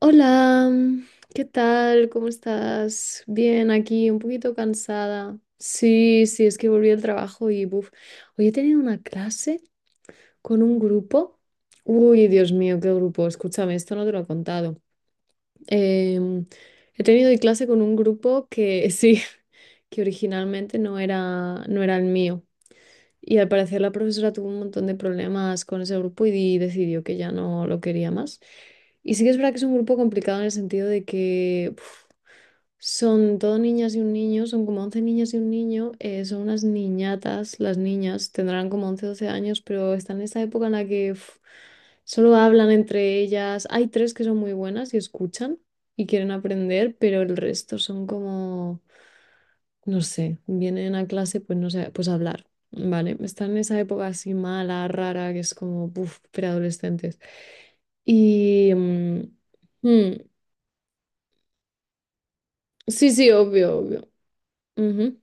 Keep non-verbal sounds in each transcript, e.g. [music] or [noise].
Hola, ¿qué tal? ¿Cómo estás? Bien, aquí un poquito cansada. Sí, sí, es que volví al trabajo y buf. Hoy he tenido una clase con un grupo. Uy, Dios mío, qué grupo. Escúchame, esto no te lo he contado. Em, he tenido hoy clase con un grupo que [laughs] sí, que originalmente no era el mío. Y al parecer la profesora tuvo un montón de problemas con ese grupo y decidió que ya no lo quería más. Y sí que es verdad que es un grupo complicado en el sentido de que uf, son todo niñas y un niño, son como 11 niñas y un niño, son unas niñatas, las niñas tendrán como 11 12 años, pero están en esa época en la que uf, solo hablan entre ellas. Hay tres que son muy buenas y escuchan y quieren aprender, pero el resto son como no sé, vienen a clase, pues no sé, pues a hablar, ¿vale? Están en esa época así mala, rara, que es como, puf, preadolescentes. Y... mm, sí, sí, obvio, obvio. Ujú.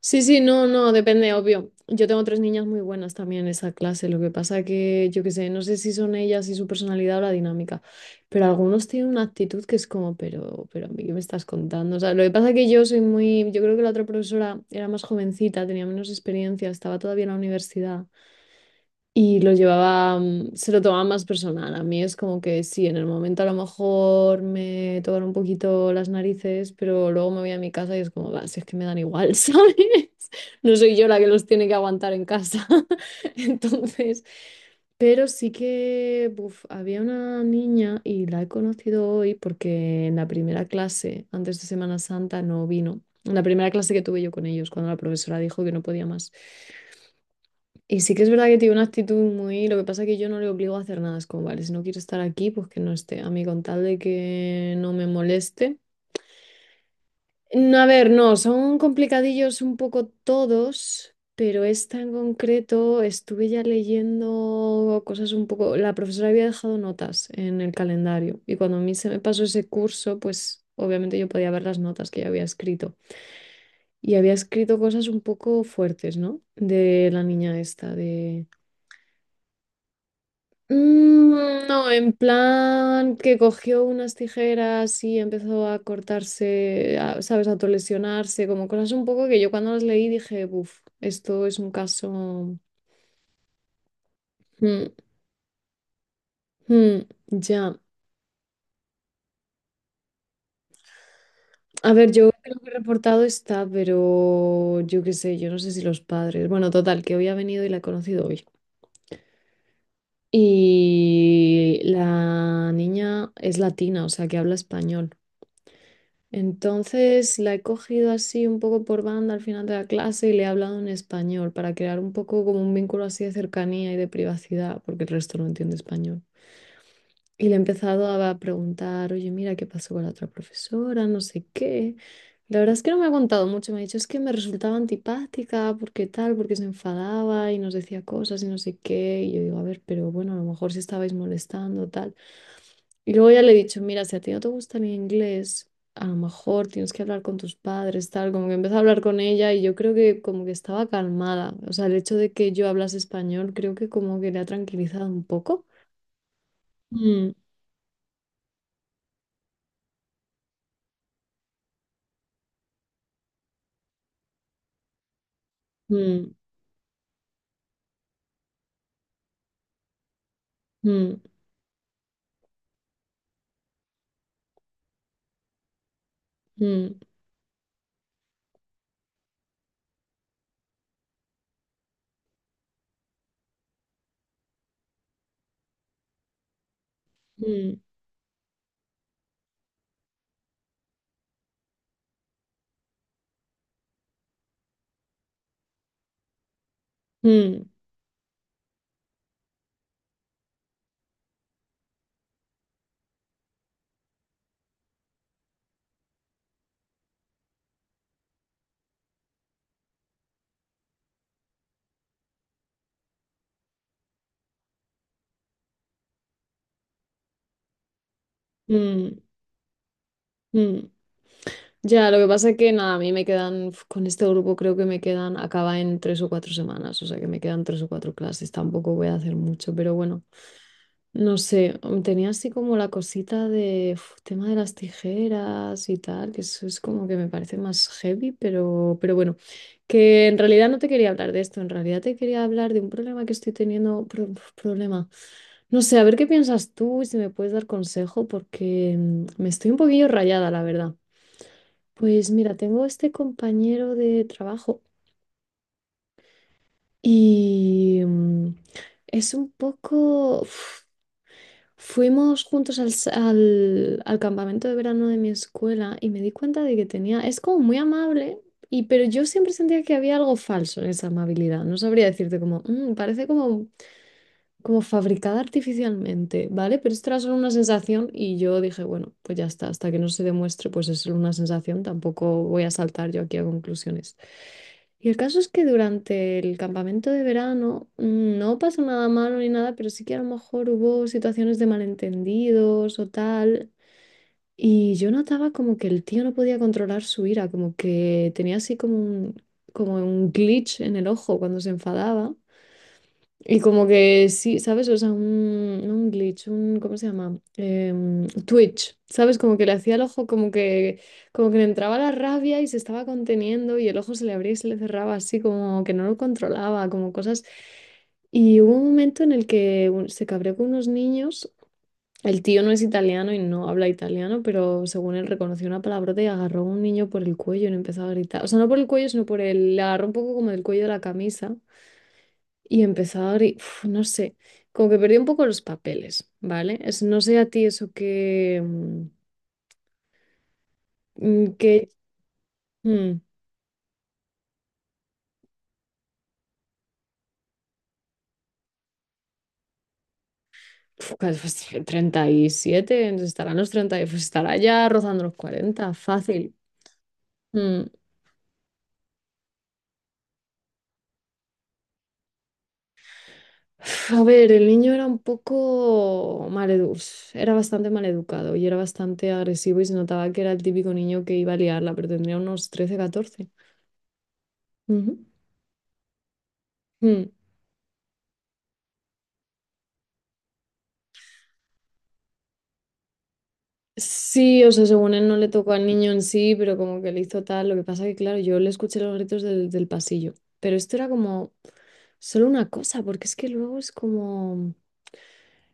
Sí, sí, no, no, depende, obvio. Yo tengo tres niñas muy buenas también en esa clase. Lo que pasa que, yo qué sé, no sé si son ellas y su personalidad o la dinámica, pero algunos tienen una actitud que es como, pero a mí, ¿qué me estás contando? O sea, lo que pasa que yo soy muy, yo creo que la otra profesora era más jovencita, tenía menos experiencia, estaba todavía en la universidad y lo llevaba, se lo tomaba más personal. A mí es como que sí, en el momento a lo mejor me tocan un poquito las narices, pero luego me voy a mi casa y es como, "Bah, si es que me dan igual", [laughs] ¿sabes? No soy yo la que los tiene que aguantar en casa. [laughs] Entonces, pero sí que buf, había una niña y la he conocido hoy porque en la primera clase, antes de Semana Santa, no vino. En la primera clase que tuve yo con ellos, cuando la profesora dijo que no podía más. Y sí que es verdad que tiene una actitud muy. Lo que pasa es que yo no le obligo a hacer nada. Es como, vale, si no quiero estar aquí, pues que no esté. A mí con tal de que no me moleste. No, a ver, no, son complicadillos un poco todos, pero esta en concreto estuve ya leyendo cosas un poco. La profesora había dejado notas en el calendario y cuando a mí se me pasó ese curso, pues obviamente yo podía ver las notas que ya había escrito. Y había escrito cosas un poco fuertes, ¿no? De la niña esta, de. Mm, no, en plan que cogió unas tijeras y empezó a cortarse, ¿sabes? A lesionarse, como cosas un poco que yo cuando las leí dije, uff, esto es un caso. Mm, mm, ya. A ver, yo creo que reportado está, pero yo qué sé, yo no sé si los padres. Bueno, total, que hoy ha venido y la he conocido hoy. Y la niña es latina, o sea, que habla español. Entonces la he cogido así un poco por banda al final de la clase y le he hablado en español para crear un poco como un vínculo así de cercanía y de privacidad, porque el resto no entiende español. Y le he empezado a preguntar, oye, mira, ¿qué pasó con la otra profesora? No sé qué. La verdad es que no me ha contado mucho. Me ha dicho, es que me resultaba antipática, porque tal, porque se enfadaba y nos decía cosas y no sé qué. Y yo digo, a ver, pero bueno, a lo mejor si estabais molestando, tal. Y luego ya le he dicho, mira, si a ti no te gusta el inglés, a lo mejor tienes que hablar con tus padres, tal. Como que empecé a hablar con ella y yo creo que como que estaba calmada. O sea, el hecho de que yo hablase español creo que como que le ha tranquilizado un poco. Mm, mm. Mm, mm, mm, mm, mm, mm. Ya, lo que pasa es que nada, a mí me quedan, uf, con este grupo creo que me quedan, acaba en 3 o 4 semanas, o sea que me quedan tres o cuatro clases, tampoco voy a hacer mucho, pero bueno. No sé, tenía así como la cosita de uf, tema de las tijeras y tal, que eso es como que me parece más heavy, pero bueno, que en realidad no te quería hablar de esto, en realidad te quería hablar de un problema que estoy teniendo, problema. No sé, a ver qué piensas tú y si me puedes dar consejo, porque me estoy un poquillo rayada, la verdad. Pues mira, tengo este compañero de trabajo y es un poco, uf, fuimos juntos al campamento de verano de mi escuela y me di cuenta de que tenía, es como muy amable, pero yo siempre sentía que había algo falso en esa amabilidad. No sabría decirte como, "Mm, parece como fabricada artificialmente", ¿vale? Pero esto era solo una sensación y yo dije, bueno, pues ya está, hasta que no se demuestre, pues es solo una sensación, tampoco voy a saltar yo aquí a conclusiones. Y el caso es que durante el campamento de verano no pasó nada malo ni nada, pero sí que a lo mejor hubo situaciones de malentendidos o tal. Y yo notaba como que el tío no podía controlar su ira, como que tenía así como como un glitch en el ojo cuando se enfadaba. Y como que sí, ¿sabes? O sea, no un glitch, ¿cómo se llama? Twitch, ¿sabes? Como que le hacía el ojo, como que le entraba la rabia y se estaba conteniendo y el ojo se le abría y se le cerraba así, como que no lo controlaba, como cosas. Y hubo un momento en el que se cabreó con unos niños. El tío no es italiano y no habla italiano, pero según él reconoció una palabrota y agarró a un niño por el cuello y le empezó a gritar. O sea, no por el cuello, sino por el. Le agarró un poco como del cuello de la camisa y empezar y uf, no sé, como que perdí un poco los papeles, ¿vale? Es, no sé a ti eso que mm, uf, casi, pues, [laughs] 37, estarán los 30 y, pues estará ya rozando los 40 fácil. Mm. Uf, a ver, el niño era un poco maleducado, era bastante maleducado y era bastante agresivo y se notaba que era el típico niño que iba a liarla, pero tendría unos 13 14. Ujú. Mm. Sí, o sea, según él no le tocó al niño en sí, pero como que le hizo tal. Lo que pasa que, claro, yo le escuché los gritos del pasillo. Pero esto era como solo una cosa, porque es que luego es como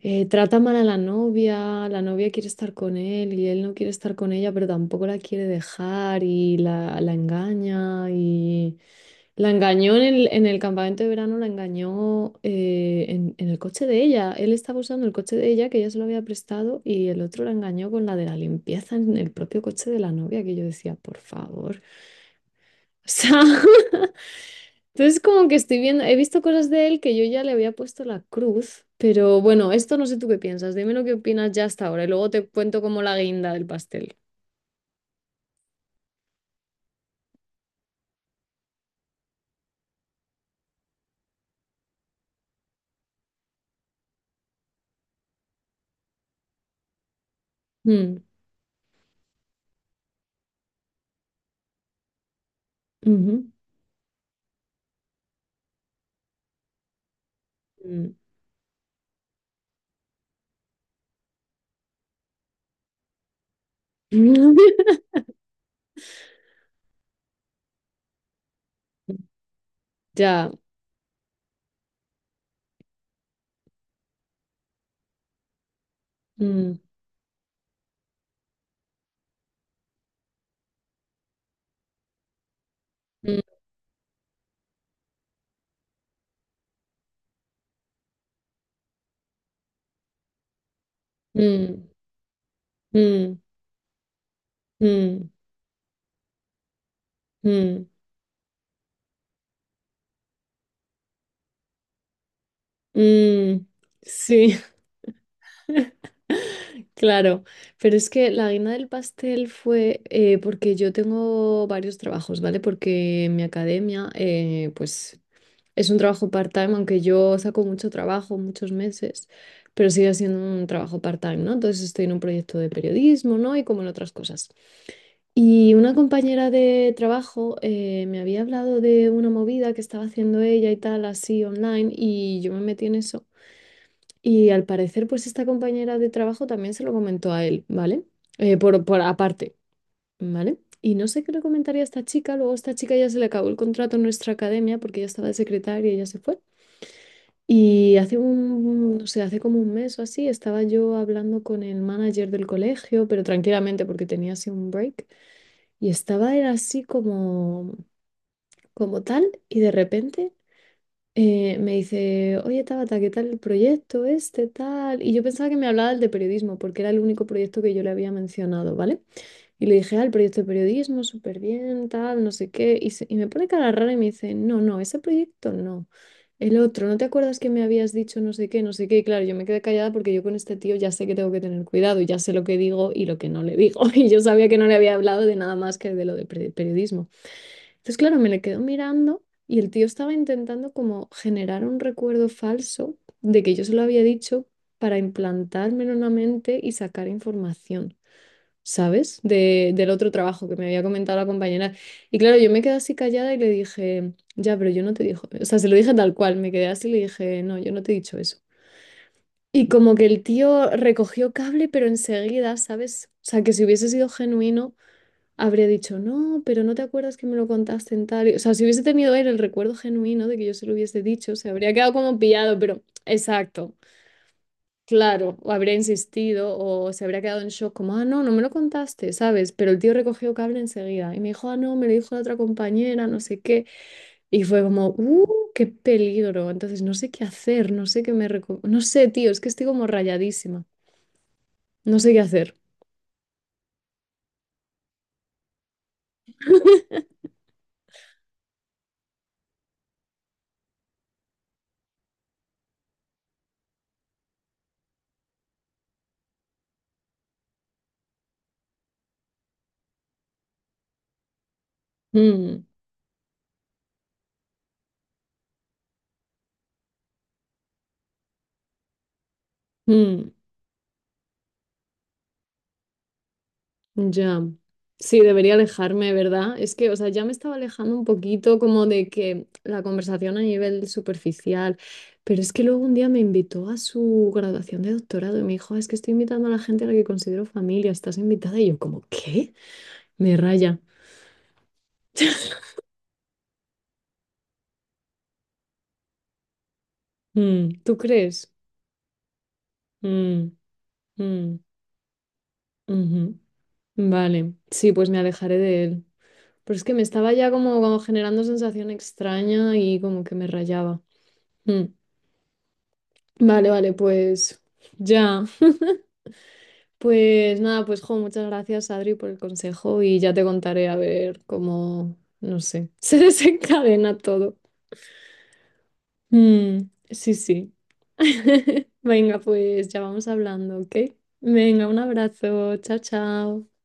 trata mal a la novia quiere estar con él y él no quiere estar con ella, pero tampoco la quiere dejar y la engaña y la engañó en el campamento de verano, la engañó en el coche de ella. Él estaba usando el coche de ella, que ella se lo había prestado, y el otro la engañó con la de la limpieza en el propio coche de la novia, que yo decía, por favor. O sea, [laughs] entonces como que estoy viendo, he visto cosas de él que yo ya le había puesto la cruz, pero bueno, esto no sé tú qué piensas, dime lo que opinas ya hasta ahora, y luego te cuento como la guinda del pastel. Mm, ujú, mm. [laughs] Ya. Mm, mm, mm, mm. Mm, mm, mm, sí, [laughs] claro. Pero es que la guinda del pastel fue porque yo tengo varios trabajos, ¿vale? Porque en mi academia, pues es un trabajo part-time, aunque yo saco mucho trabajo, muchos meses, pero sigue siendo un trabajo part-time, ¿no? Entonces estoy en un proyecto de periodismo, ¿no? Y como en otras cosas. Y una compañera de trabajo me había hablado de una movida que estaba haciendo ella y tal, así online, y yo me metí en eso. Y al parecer, pues esta compañera de trabajo también se lo comentó a él, ¿vale? Por aparte, ¿vale? Y no sé qué le comentaría a esta chica, luego a esta chica ya se le acabó el contrato en nuestra academia porque ella estaba de secretaria y ya se fue. Y hace un, no sé, hace como un mes o así, estaba yo hablando con el manager del colegio, pero tranquilamente porque tenía así un break, y estaba él así como, tal, y de repente me dice, oye Tabata, ¿qué tal el proyecto este, tal? Y yo pensaba que me hablaba del de periodismo, porque era el único proyecto que yo le había mencionado, ¿vale? Y le dije, ah, el proyecto de periodismo, súper bien, tal, no sé qué. Y me pone cara rara y me dice, no, no, ese proyecto no. El otro, ¿no te acuerdas que me habías dicho no sé qué, no sé qué? Y claro, yo me quedé callada porque yo con este tío ya sé que tengo que tener cuidado, y ya sé lo que digo y lo que no le digo. [laughs] Y yo sabía que no le había hablado de nada más que de lo de periodismo. Entonces, claro, me le quedo mirando y el tío estaba intentando como generar un recuerdo falso de que yo se lo había dicho para implantármelo en la mente y sacar información, ¿sabes? Del otro trabajo que me había comentado la compañera. Y claro, yo me quedé así callada y le dije, ya, pero yo no te dije, o sea, se lo dije tal cual, me quedé así y le dije, no, yo no te he dicho eso. Y como que el tío recogió cable, pero enseguida, ¿sabes? O sea, que si hubiese sido genuino habría dicho, no, pero no te acuerdas que me lo contaste en tal. O sea, si hubiese tenido él el recuerdo genuino de que yo se lo hubiese dicho, se habría quedado como pillado, pero exacto, claro, o habría insistido o se habría quedado en shock, como, ah, no, no me lo contaste, ¿sabes? Pero el tío recogió cable enseguida y me dijo, ah, no, me lo dijo la otra compañera, no sé qué. Y fue como, qué peligro. Entonces, no sé qué hacer, no sé qué me no sé, tío, es que estoy como rayadísima, no sé qué hacer. Mm, mm. Ya, sí, debería alejarme, ¿verdad? Es que, o sea, ya me estaba alejando un poquito como de que la conversación a nivel superficial, pero es que luego un día me invitó a su graduación de doctorado y me dijo, "Ah, es que estoy invitando a la gente a la que considero familia, estás invitada", y yo como, ¿qué? Me raya. Mm, ¿tú crees? Mm, mm, ujú. Vale, sí, pues me alejaré de él. Pero es que me estaba ya como, generando sensación extraña y como que me rayaba. Mm. Vale, vale, pues ya. Pues nada, pues jo, muchas gracias Adri por el consejo y ya te contaré a ver cómo, no sé, [laughs] se desencadena todo. Mm, sí, sí. [laughs] Venga, pues ya vamos hablando, ¿ok? Venga, un abrazo. Chao, chao.